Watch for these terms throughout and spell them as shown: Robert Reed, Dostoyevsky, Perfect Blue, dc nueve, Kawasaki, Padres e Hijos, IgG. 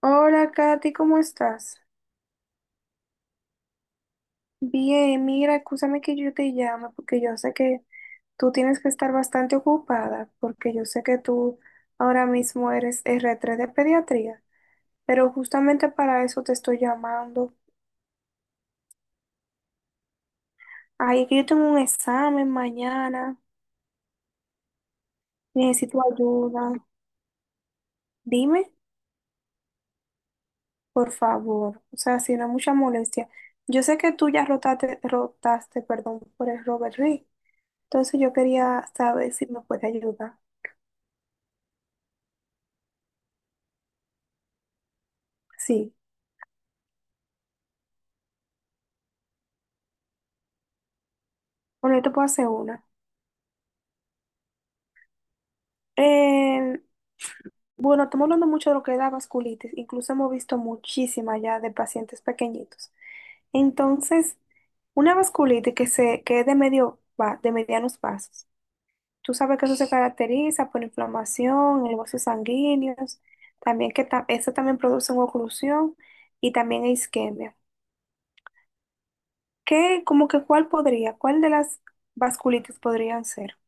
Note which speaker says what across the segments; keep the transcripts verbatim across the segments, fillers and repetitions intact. Speaker 1: Hola, Katy, ¿cómo estás? Bien, mira, escúchame que yo te llame porque yo sé que tú tienes que estar bastante ocupada porque yo sé que tú ahora mismo eres R tres de pediatría, pero justamente para eso te estoy llamando. Ay, es que yo tengo un examen mañana, necesito ayuda. Dime, por favor, o sea, si no es mucha molestia. Yo sé que tú ya rotaste, rotaste, perdón, por el Robert Reed, entonces yo quería saber si me puede ayudar. Sí. Bueno, yo te puedo hacer una. Eh, bueno, estamos hablando mucho de lo que es la vasculitis. Incluso hemos visto muchísima ya de pacientes pequeñitos. Entonces, una vasculitis que, se, que es de, medio, va- de medianos vasos. Tú sabes que eso se caracteriza por inflamación en los vasos sanguíneos, también que ta- eso también produce una oclusión y también isquemia. ¿Qué, como que cuál podría, cuál de las vasculitis podrían ser?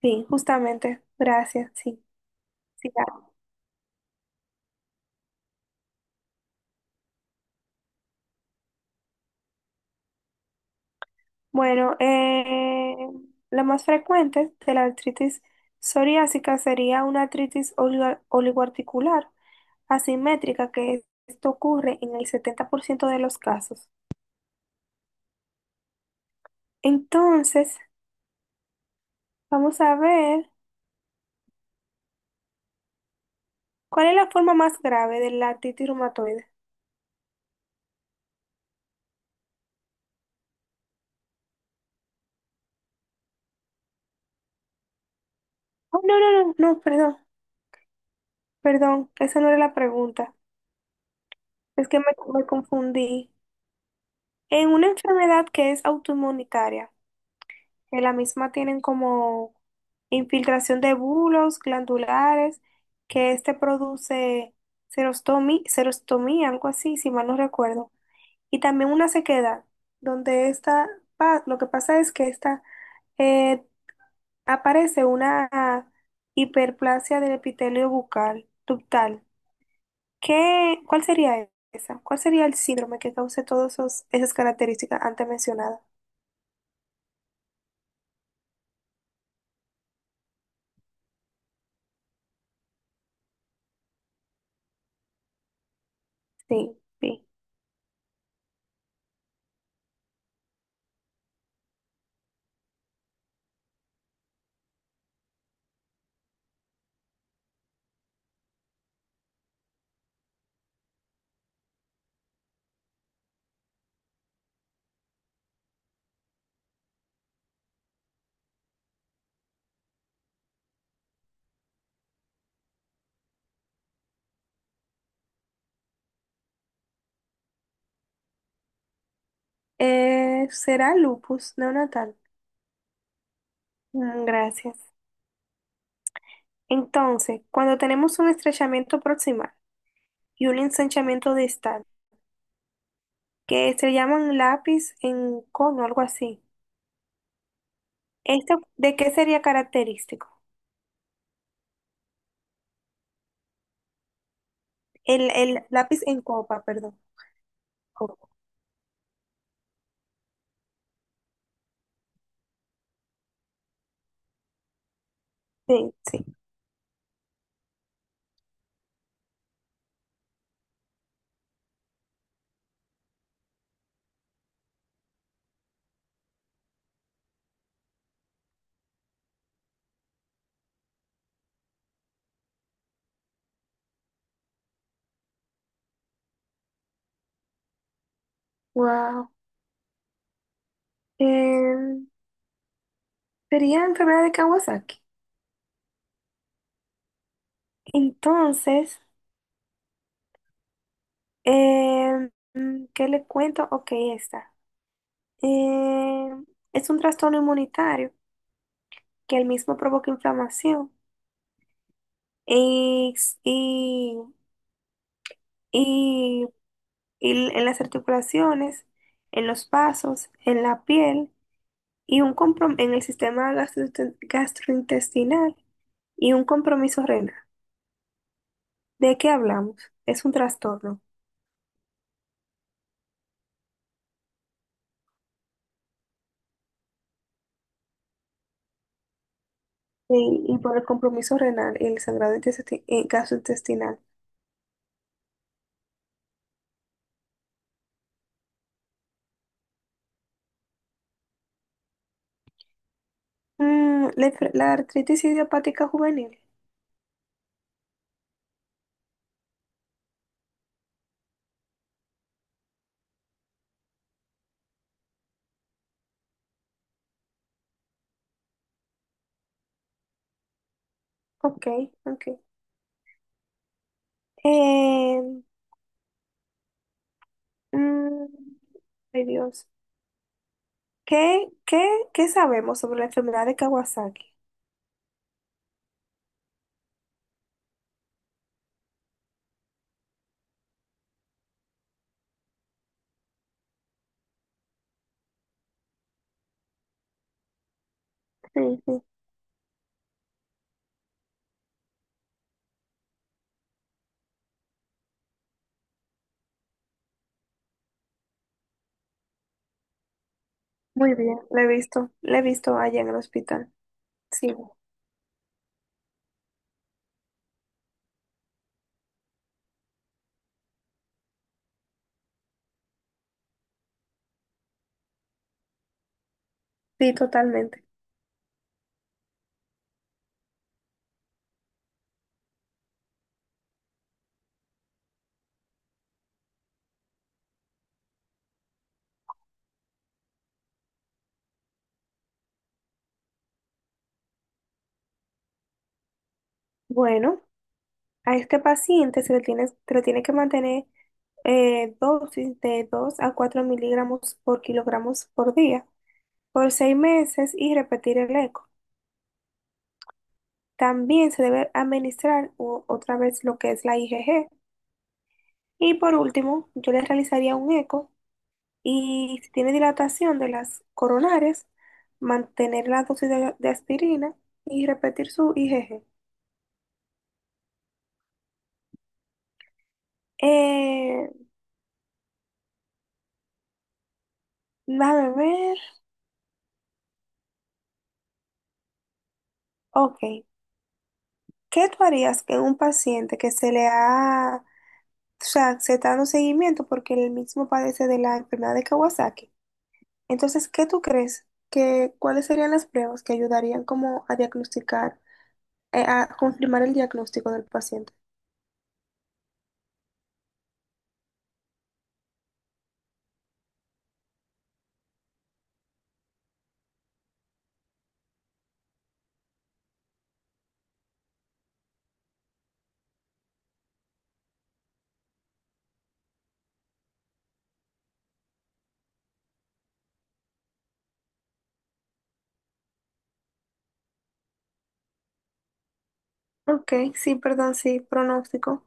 Speaker 1: Sí, justamente, gracias, sí. Sí, bueno, eh, la más frecuente de la artritis psoriásica sería una artritis oliga- oligoarticular asimétrica, que esto ocurre en el setenta por ciento de los casos. Entonces, vamos a ver cuál es la forma más grave de la artritis reumatoide. Oh, no, no, no, no, perdón, perdón, esa no era la pregunta. Es que me, me confundí. En una enfermedad que es autoinmunitaria, en la misma tienen como infiltración de bulos glandulares, que este produce serostomi, serostomía, algo así, si mal no recuerdo. Y también una sequedad, donde esta, pa- lo que pasa es que esta eh, aparece una hiperplasia del epitelio bucal, ductal. ¿Qué, cuál sería esa? ¿Cuál sería el síndrome que cause todas esas características antes mencionadas? Sí, sí. Eh, será lupus neonatal. Mm, gracias. Entonces, cuando tenemos un estrechamiento proximal y un ensanchamiento distal, que se llaman lápiz en cono, algo así, ¿esto de qué sería característico? El, el lápiz en copa, perdón. Copa. Sí, sí. Wow. Em, sería enfermedad de Kawasaki. Entonces, em, ¿qué le cuento? Ok, está. Em, es un trastorno inmunitario que el mismo provoca inflamación y, y, y- y en las articulaciones, en los vasos, en la piel y un comprom- en el sistema gastrointe- gastrointestinal y un compromiso renal. ¿De qué hablamos? Es un trastorno. Y, y por el compromiso renal y el sangrado intesti- eh, gastrointestinal. Mm, la, enfer- la artritis idiopática juvenil. Ok, ok. Eh, mm, ay Dios. ¿Qué, qué, ¿qué sabemos sobre la enfermedad de Kawasaki? Sí, sí, muy bien, la he visto, la he visto allá en el hospital. Sí, sí, totalmente. Bueno, a este paciente se le tiene, se le tiene que mantener eh, dosis de dos a cuatro miligramos por kilogramos por día por seis meses y repetir el eco. También se debe administrar o- otra vez lo que es la I g G. Y por último, yo le realizaría un eco y si tiene dilatación de las coronarias, mantener la dosis de, de aspirina y repetir su I g G. Eh, déjame ver. Ok. ¿Qué tú harías que un paciente que se le ha, o sea, se está dando seguimiento porque él mismo padece de la enfermedad de Kawasaki? Entonces, ¿qué tú crees que, cuáles serían las pruebas que ayudarían como a diagnosticar, eh, a confirmar el diagnóstico del paciente? Ok, sí, perdón, sí, pronóstico.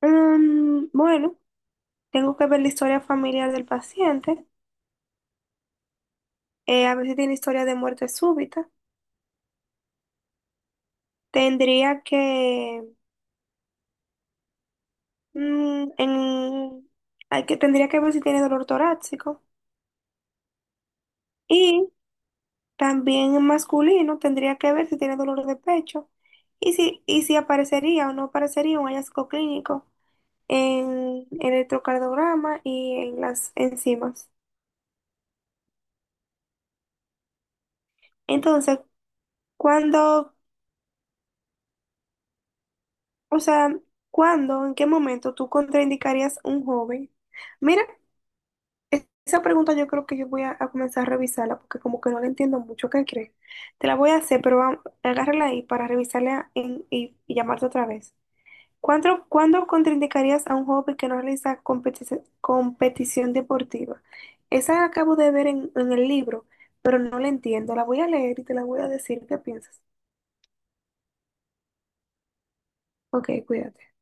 Speaker 1: Mm, bueno. Tengo que ver la historia familiar del paciente, eh, a ver si tiene historia de muerte súbita. Tendría que, mm, en- hay que, tendría que ver si tiene dolor torácico. Y también en masculino tendría que ver si tiene dolor de pecho y si, y si aparecería o no aparecería un hallazgo clínico en, el electrocardiograma y en las enzimas. Entonces, cuando, o sea, ¿cuándo, en qué momento tú contraindicarías un joven? Mira, esa pregunta yo creo que yo voy a, a comenzar a revisarla porque como que no la entiendo mucho. ¿Qué crees? Te la voy a hacer, pero vamos, agárrala ahí para revisarla en- y, y llamarte otra vez. ¿Cuándo, cuándo contraindicarías a un joven que no realiza competici- competición deportiva? Esa la acabo de ver en, en el libro, pero no la entiendo. La voy a leer y te la voy a decir qué piensas. Ok, cuídate.